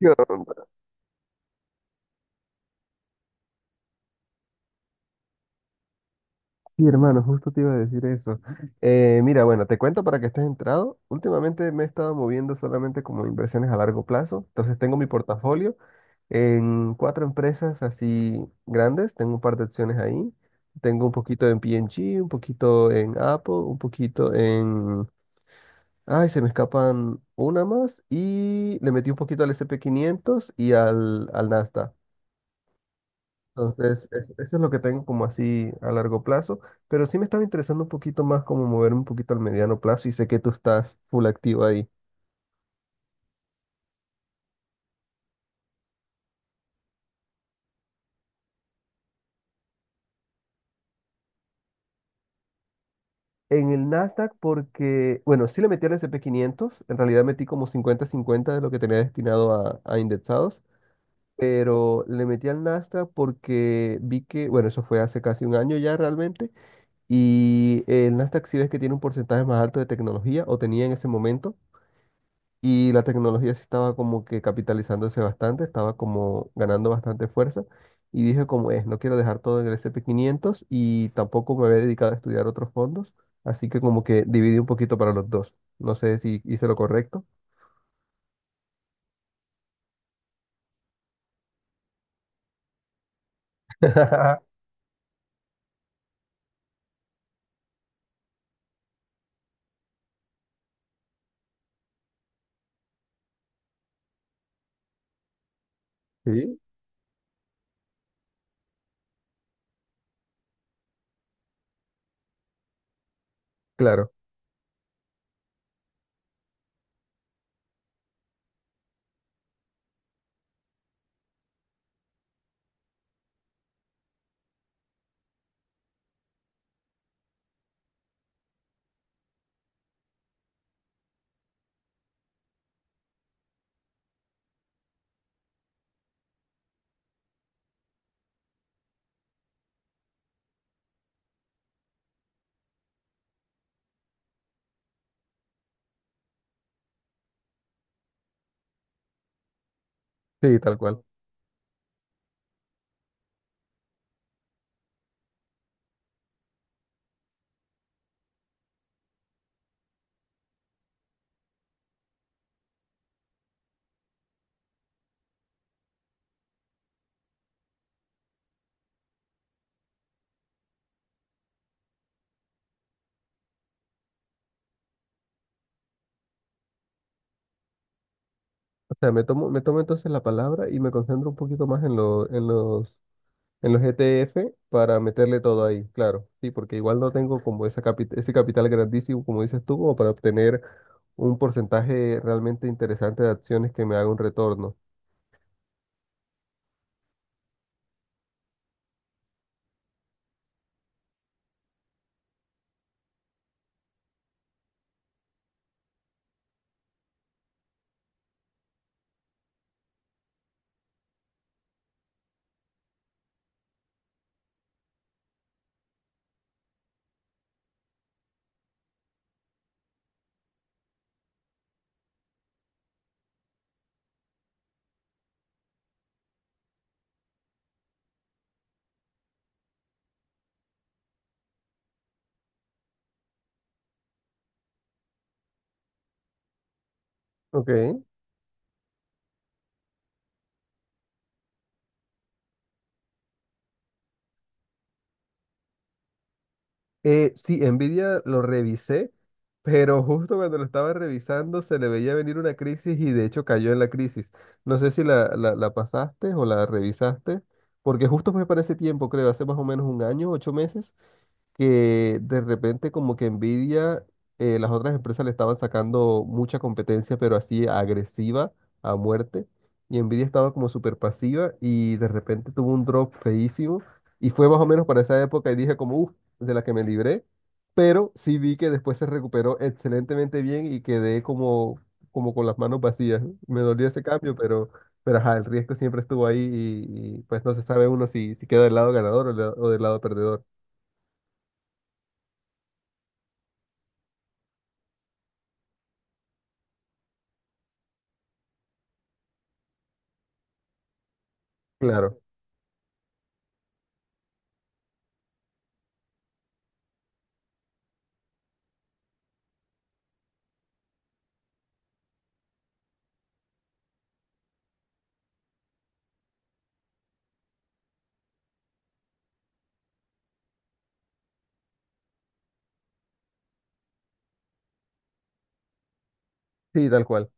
Yo, Sí, hermano, justo te iba a decir eso. Mira, bueno, te cuento para que estés entrado. Últimamente me he estado moviendo solamente como inversiones a largo plazo. Entonces tengo mi portafolio en cuatro empresas así grandes. Tengo un par de acciones ahí. Tengo un poquito en P&G, un poquito en Apple, un poquito en... Ay, se me escapan una más. Y le metí un poquito al S&P quinientos y al Nasdaq. Entonces, eso es lo que tengo como así a largo plazo, pero sí me estaba interesando un poquito más como moverme un poquito al mediano plazo y sé que tú estás full activo ahí. En el Nasdaq porque, bueno, sí le metí al S&P 500, en realidad metí como 50-50 de lo que tenía destinado a indexados, pero le metí al Nasdaq porque vi que, bueno, eso fue hace casi un año ya realmente, y el Nasdaq sí ves que tiene un porcentaje más alto de tecnología, o tenía en ese momento. Y la tecnología sí estaba como que capitalizándose bastante, estaba como ganando bastante fuerza. Y dije como es, no quiero dejar todo en el S and P quinientos y tampoco me había dedicado a estudiar otros fondos. Así que como que dividí un poquito para los dos. No sé si hice lo correcto. Sí, claro, sí, tal cual. O sea, me tomo entonces la palabra y me concentro un poquito más en los ETF para meterle todo ahí, claro. Sí, porque igual no tengo como esa ese capital grandísimo, como dices tú, como para obtener un porcentaje realmente interesante de acciones que me haga un retorno. Ok. Sí, Nvidia lo revisé, pero justo cuando lo estaba revisando se le veía venir una crisis y de hecho cayó en la crisis. No sé si la pasaste o la revisaste, porque justo fue para ese tiempo, creo, hace más o menos un año, 8 meses, que de repente como que Nvidia, las otras empresas le estaban sacando mucha competencia, pero así agresiva a muerte, y Nvidia estaba como súper pasiva y de repente tuvo un drop feísimo, y fue más o menos para esa época y dije como, uff, de la que me libré, pero sí vi que después se recuperó excelentemente bien y quedé como, como con las manos vacías. Me dolió ese cambio, pero... Pero ajá, el riesgo siempre estuvo ahí y pues no se sabe uno si, si queda del lado ganador o del lado perdedor. Claro. Sí, tal cual.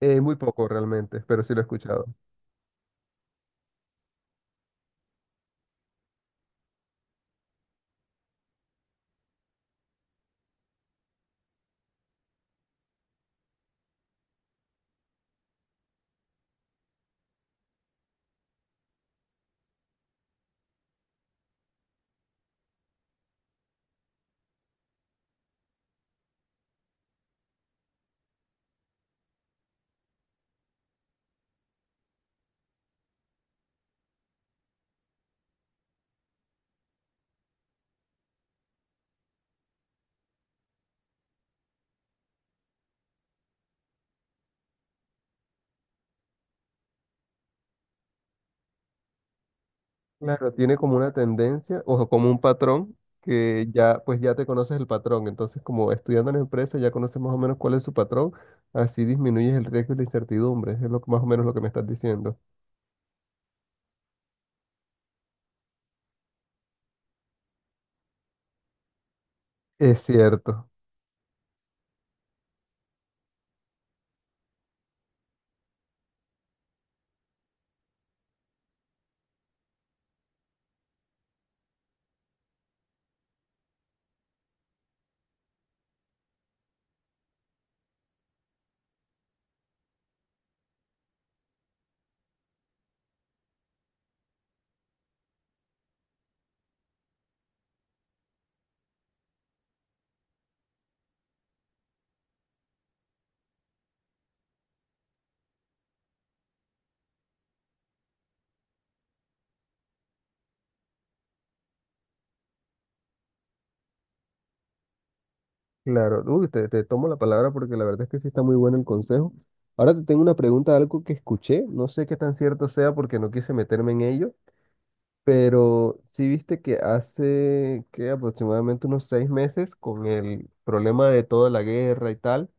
Muy poco realmente, pero sí lo he escuchado. Claro, tiene como una tendencia, o como un patrón, que ya, pues ya te conoces el patrón. Entonces, como estudiando en la empresa, ya conoces más o menos cuál es su patrón, así disminuyes el riesgo y la incertidumbre. Es lo, más o menos lo que me estás diciendo. Es cierto. Claro. Uy, te tomo la palabra porque la verdad es que sí está muy bueno el consejo. Ahora te tengo una pregunta, algo que escuché, no sé qué tan cierto sea porque no quise meterme en ello. Pero sí viste que hace que aproximadamente unos 6 meses, con el problema de toda la guerra y tal,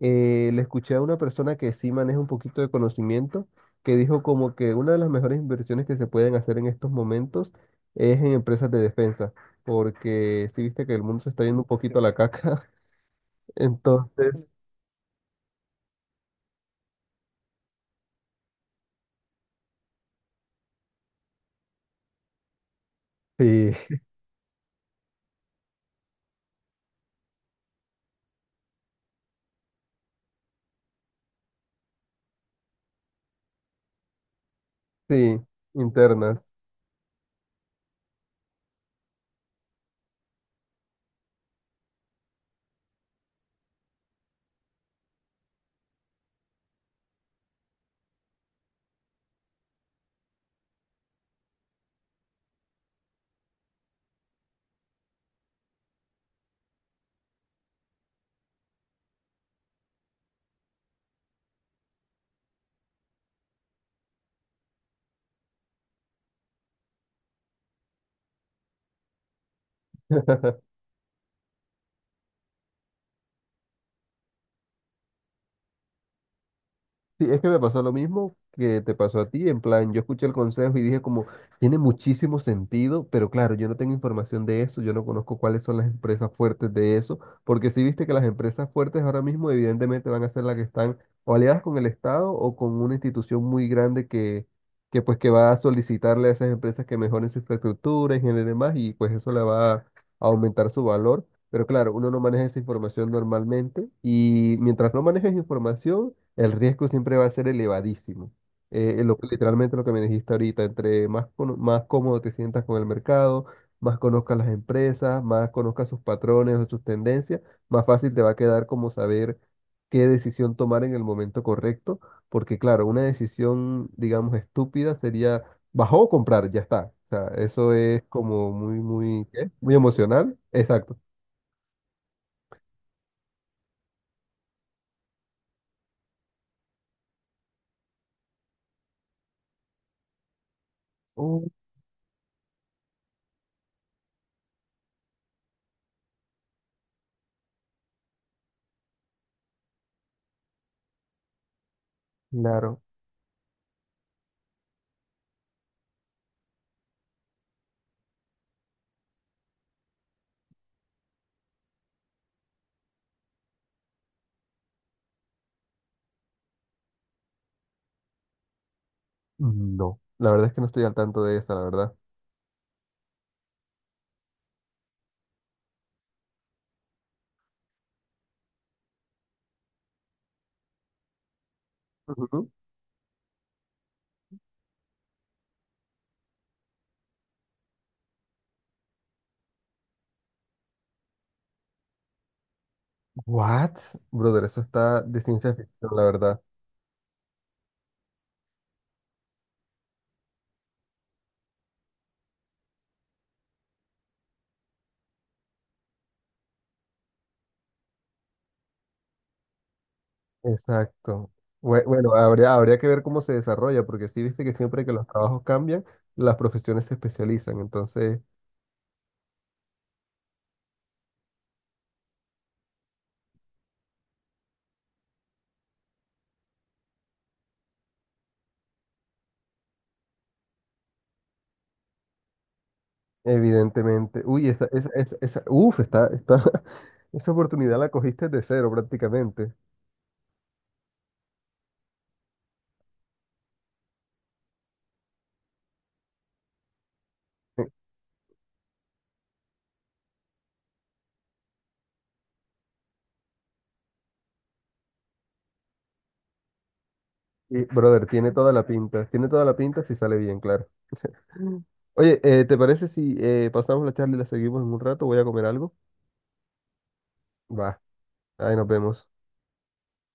le escuché a una persona que sí maneja un poquito de conocimiento, que dijo como que una de las mejores inversiones que se pueden hacer en estos momentos es en empresas de defensa, porque sí viste que el mundo se está yendo un poquito a la caca. Entonces sí, sí, internas. Sí, es que me pasó lo mismo que te pasó a ti, en plan, yo escuché el consejo y dije como, tiene muchísimo sentido, pero claro, yo no tengo información de eso, yo no conozco cuáles son las empresas fuertes de eso, porque si viste que las empresas fuertes ahora mismo evidentemente van a ser las que están o aliadas con el Estado o con una institución muy grande que pues que va a solicitarle a esas empresas que mejoren su infraestructura, ingeniería y demás, y pues eso le va a aumentar su valor. Pero claro, uno no maneja esa información normalmente y mientras no manejes información, el riesgo siempre va a ser elevadísimo. Lo, literalmente lo que me dijiste ahorita, entre más, más cómodo te sientas con el mercado, más conozcas las empresas, más conozcas sus patrones o sus tendencias, más fácil te va a quedar como saber qué decisión tomar en el momento correcto, porque claro, una decisión, digamos, estúpida sería bajó o comprar, ya está. O sea, eso es como muy, muy, ¿qué? Muy emocional. Exacto. Oh, claro. No. La verdad es que no estoy al tanto de esa, la verdad. Ujú. What? Brother, eso está de ciencia ficción, la verdad. Exacto. Bueno, habría, habría que ver cómo se desarrolla, porque sí viste que siempre que los trabajos cambian, las profesiones se especializan. Entonces, evidentemente, uy, uf, esa oportunidad la cogiste de cero prácticamente. Y, brother, tiene toda la pinta, tiene toda la pinta si sale bien, claro. Oye, ¿te parece si pasamos la charla y la seguimos en un rato? Voy a comer algo. Va, ahí nos vemos.